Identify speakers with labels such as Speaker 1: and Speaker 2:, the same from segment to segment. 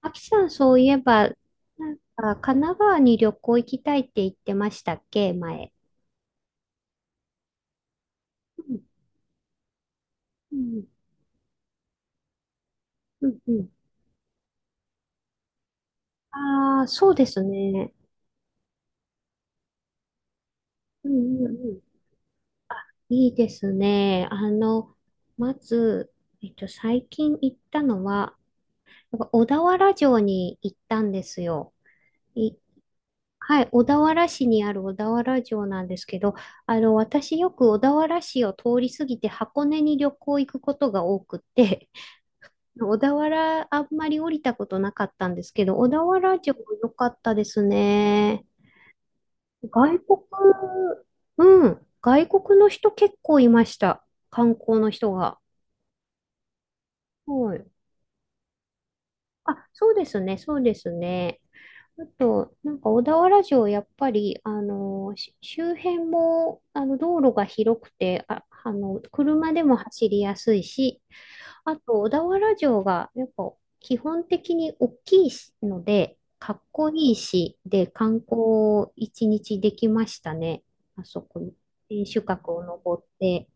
Speaker 1: あきさん、そういえば、なんか、神奈川に旅行行きたいって言ってましたっけ、前。うんうん、うん、うん。ああ、そうですね。うん、うん、うん。いいですね。まず、最近行ったのは、なんか小田原城に行ったんですよ。い、はい、小田原市にある小田原城なんですけど、私よく小田原市を通り過ぎて箱根に旅行行くことが多くって、小田原、あんまり降りたことなかったんですけど、小田原城良かったですね。外国、うん、外国の人結構いました。観光の人が。はい。あ、そうですね、そうですね。あと、なんか小田原城、やっぱり、周辺も、道路が広くて、車でも走りやすいし、あと、小田原城が、やっぱ、基本的に大きいしので、かっこいいし、で、観光一日できましたね。あそこに。天守閣を登って。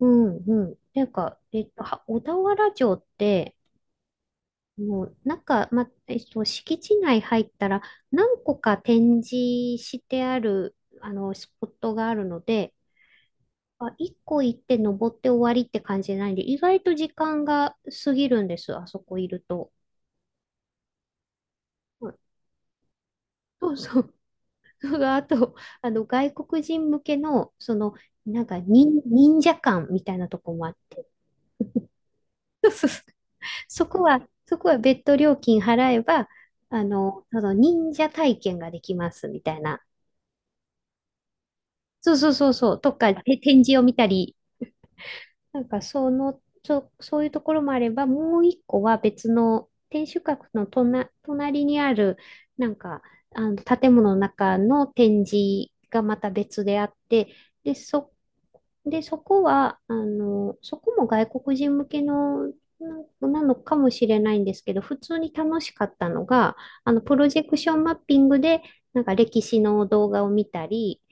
Speaker 1: うんうん。なんか、小田原城って、もう、なんか、ま、敷地内入ったら、何個か展示してある、スポットがあるので、一個行って登って終わりって感じじゃないんで、意外と時間が過ぎるんです、あそこいると。うんそうそう。それがあと、外国人向けの、その、なんか忍者館みたいなとこもあって、そうそうそう。そこは別途料金払えば、その忍者体験ができますみたいな。そうそうそうそう。とか、展示を見たり、なんかその、そういうところもあれば、もう一個は別の天守閣の隣にある、なんか、あの建物の中の展示がまた別であって、で、そ、で、そこは、そこも外国人向けの、なのかもしれないんですけど、普通に楽しかったのが、プロジェクションマッピングで、なんか歴史の動画を見たり、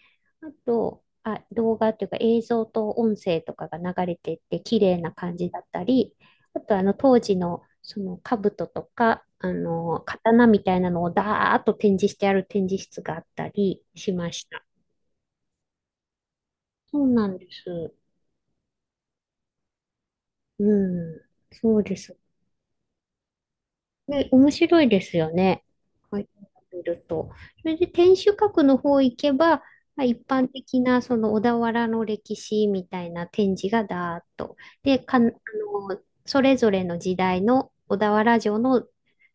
Speaker 1: あと、動画っていうか映像と音声とかが流れてって綺麗な感じだったり、あとあの当時のその兜とか、刀みたいなのをダーッと展示してある展示室があったりしました。そうなんです。うん。そうです。ね、面白いですよね。はこい。見ると。それで天守閣の方行けば、まあ、一般的なその小田原の歴史みたいな展示がだーっと。で、かん、あの、それぞれの時代の小田原城の、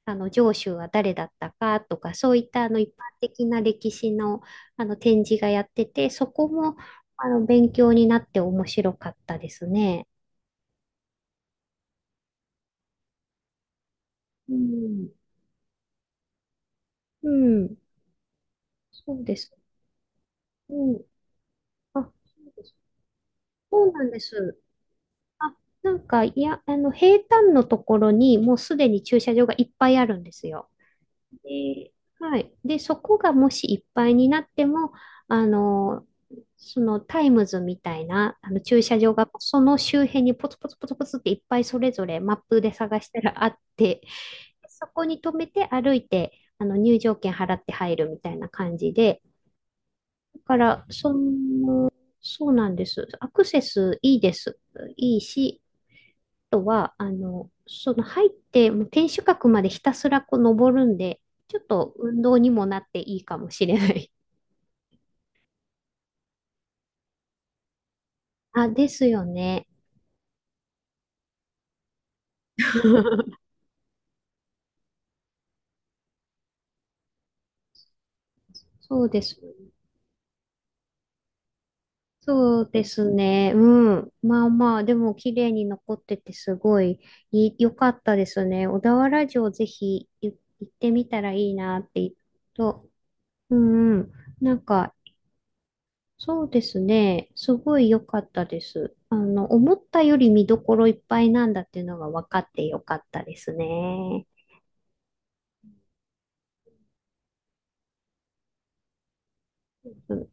Speaker 1: あの城主は誰だったかとか、そういった一般的な歴史の、あの展示がやってて、そこも勉強になって面白かったですね。うん。うん。そうです。うん。あそうなんです。あ、なんか、いや、平坦のところにもうすでに駐車場がいっぱいあるんですよ。で、はい。で、そこがもしいっぱいになっても、あの、そのタイムズみたいなあの駐車場がその周辺にポツポツポツポツっていっぱいそれぞれマップで探したらあって、そこに止めて歩いて、入場券払って入るみたいな感じで、だから、そうなんです。アクセスいいです。いいし、とは、あの、その入って、もう天守閣までひたすらこう登るんで、ちょっと運動にもなっていいかもしれない。ですよね。そうです。そうですね。うん。まあまあ、でも綺麗に残っててすごいい良かったですね。小田原城ぜひい行ってみたらいいなって、と、うんうん。なんかそうですね。すごい良かったです。思ったより見どころいっぱいなんだっていうのが分かって良かったですね。うん、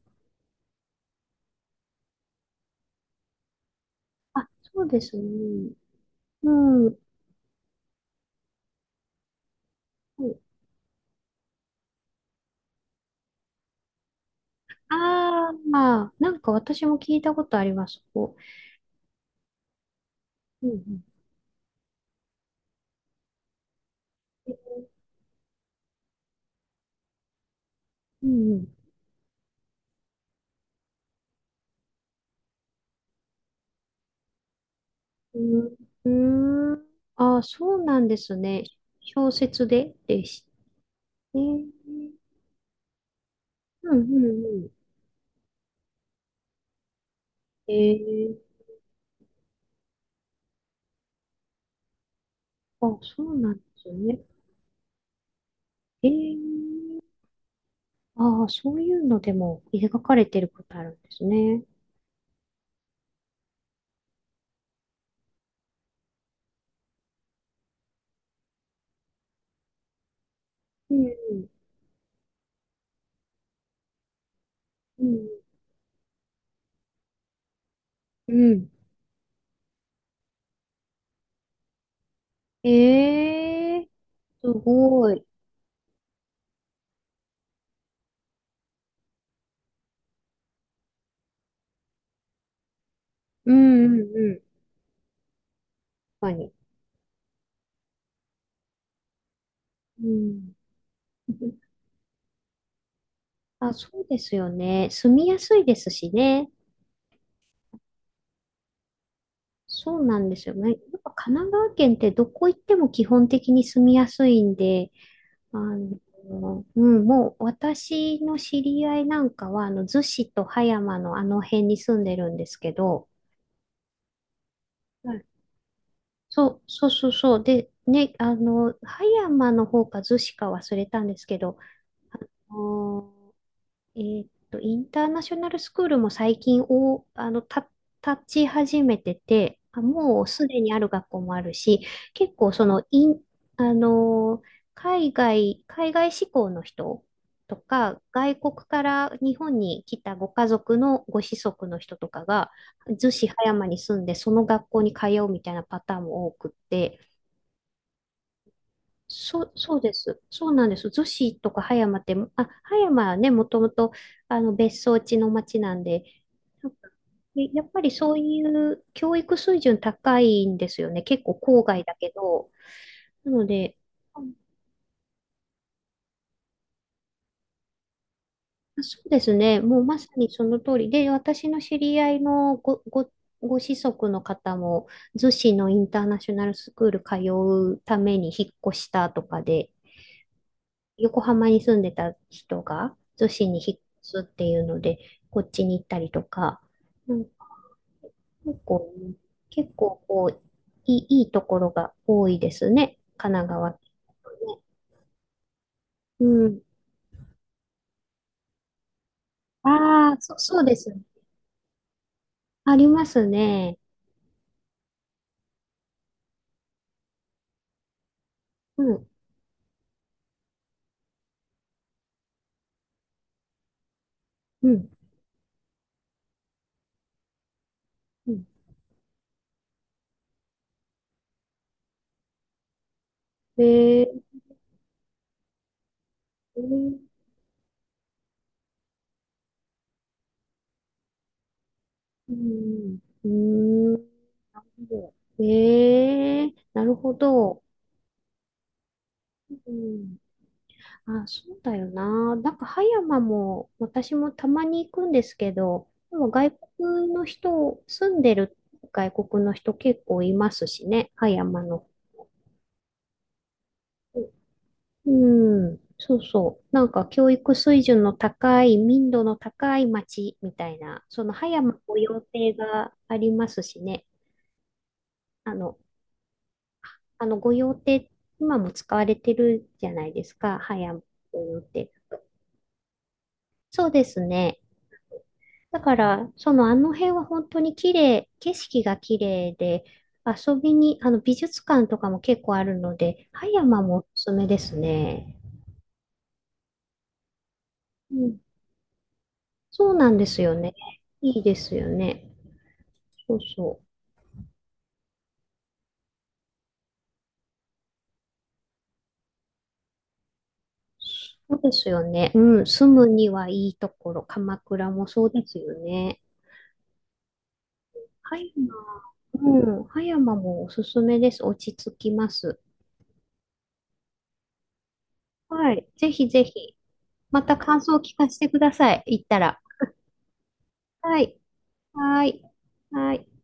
Speaker 1: あ、そうですね。うん。うんまあ、なんか私も聞いたことあります。うんうん。うんうん。うーん。そうなんですね。小説ででして。うんうんうん。そうなんですね。えーああ、そういうのでも描かれてることあるんですね。うん、うん、うん。ええすごい。うん、うん、うん。確かに。うん。そうですよね。住みやすいですしね。そうなんですよね。やっぱ神奈川県ってどこ行っても基本的に住みやすいんで、あうん、もう私の知り合いなんかは、逗子と葉山のあの辺に住んでるんですけど、はいそう、そうそうそう。で、ね、葉山の方か逗子か忘れたんですけど、あのインターナショナルスクールも最近お、あの、た、立ち始めてて、もうすでにある学校もあるし、結構その、イン、あの、海外志向の人とか、外国から日本に来たご家族のご子息の人とかが、逗子葉山に住んで、その学校に通うみたいなパターンも多くって、そう、そうです。そうなんです。逗子とか葉山って、葉山はね、もともと別荘地の町なんで、なんかやっぱりそういう教育水準高いんですよね。結構郊外だけど。なので、うんそうですね。もうまさにその通りで、私の知り合いのご子息の方も、逗子のインターナショナルスクール通うために引っ越したとかで、横浜に住んでた人が逗子に引っ越すっていうので、こっちに行ったりとか、うん結構、結構こう、いいところが多いですね、神奈川ってね。うん。ああ、そうです。ありますね。うん、うん、うん。ええうん、うん、ええなるほど。うんそうだよな。なんか葉山も私もたまに行くんですけど、でも外国の人、住んでる外国の人結構いますしね、葉山の。うん、そうそう。なんか教育水準の高い、民度の高い町みたいな、その葉山御用邸がありますしね。あの、あの御用邸、今も使われてるじゃないですか、葉山御用邸。そうですね。だから、あの辺は本当に綺麗、景色が綺麗で、遊びに、あの美術館とかも結構あるので、葉山もおすすめですね。うん、そうなんですよね。いいですよね。そうそう。そうですよね。うん、住むにはいいところ、鎌倉もそうですよね。葉山、うん、葉山もおすすめです。落ち着きます。はい、ぜひぜひ、また感想を聞かせてください。行ったら。はい。はーい。はーい。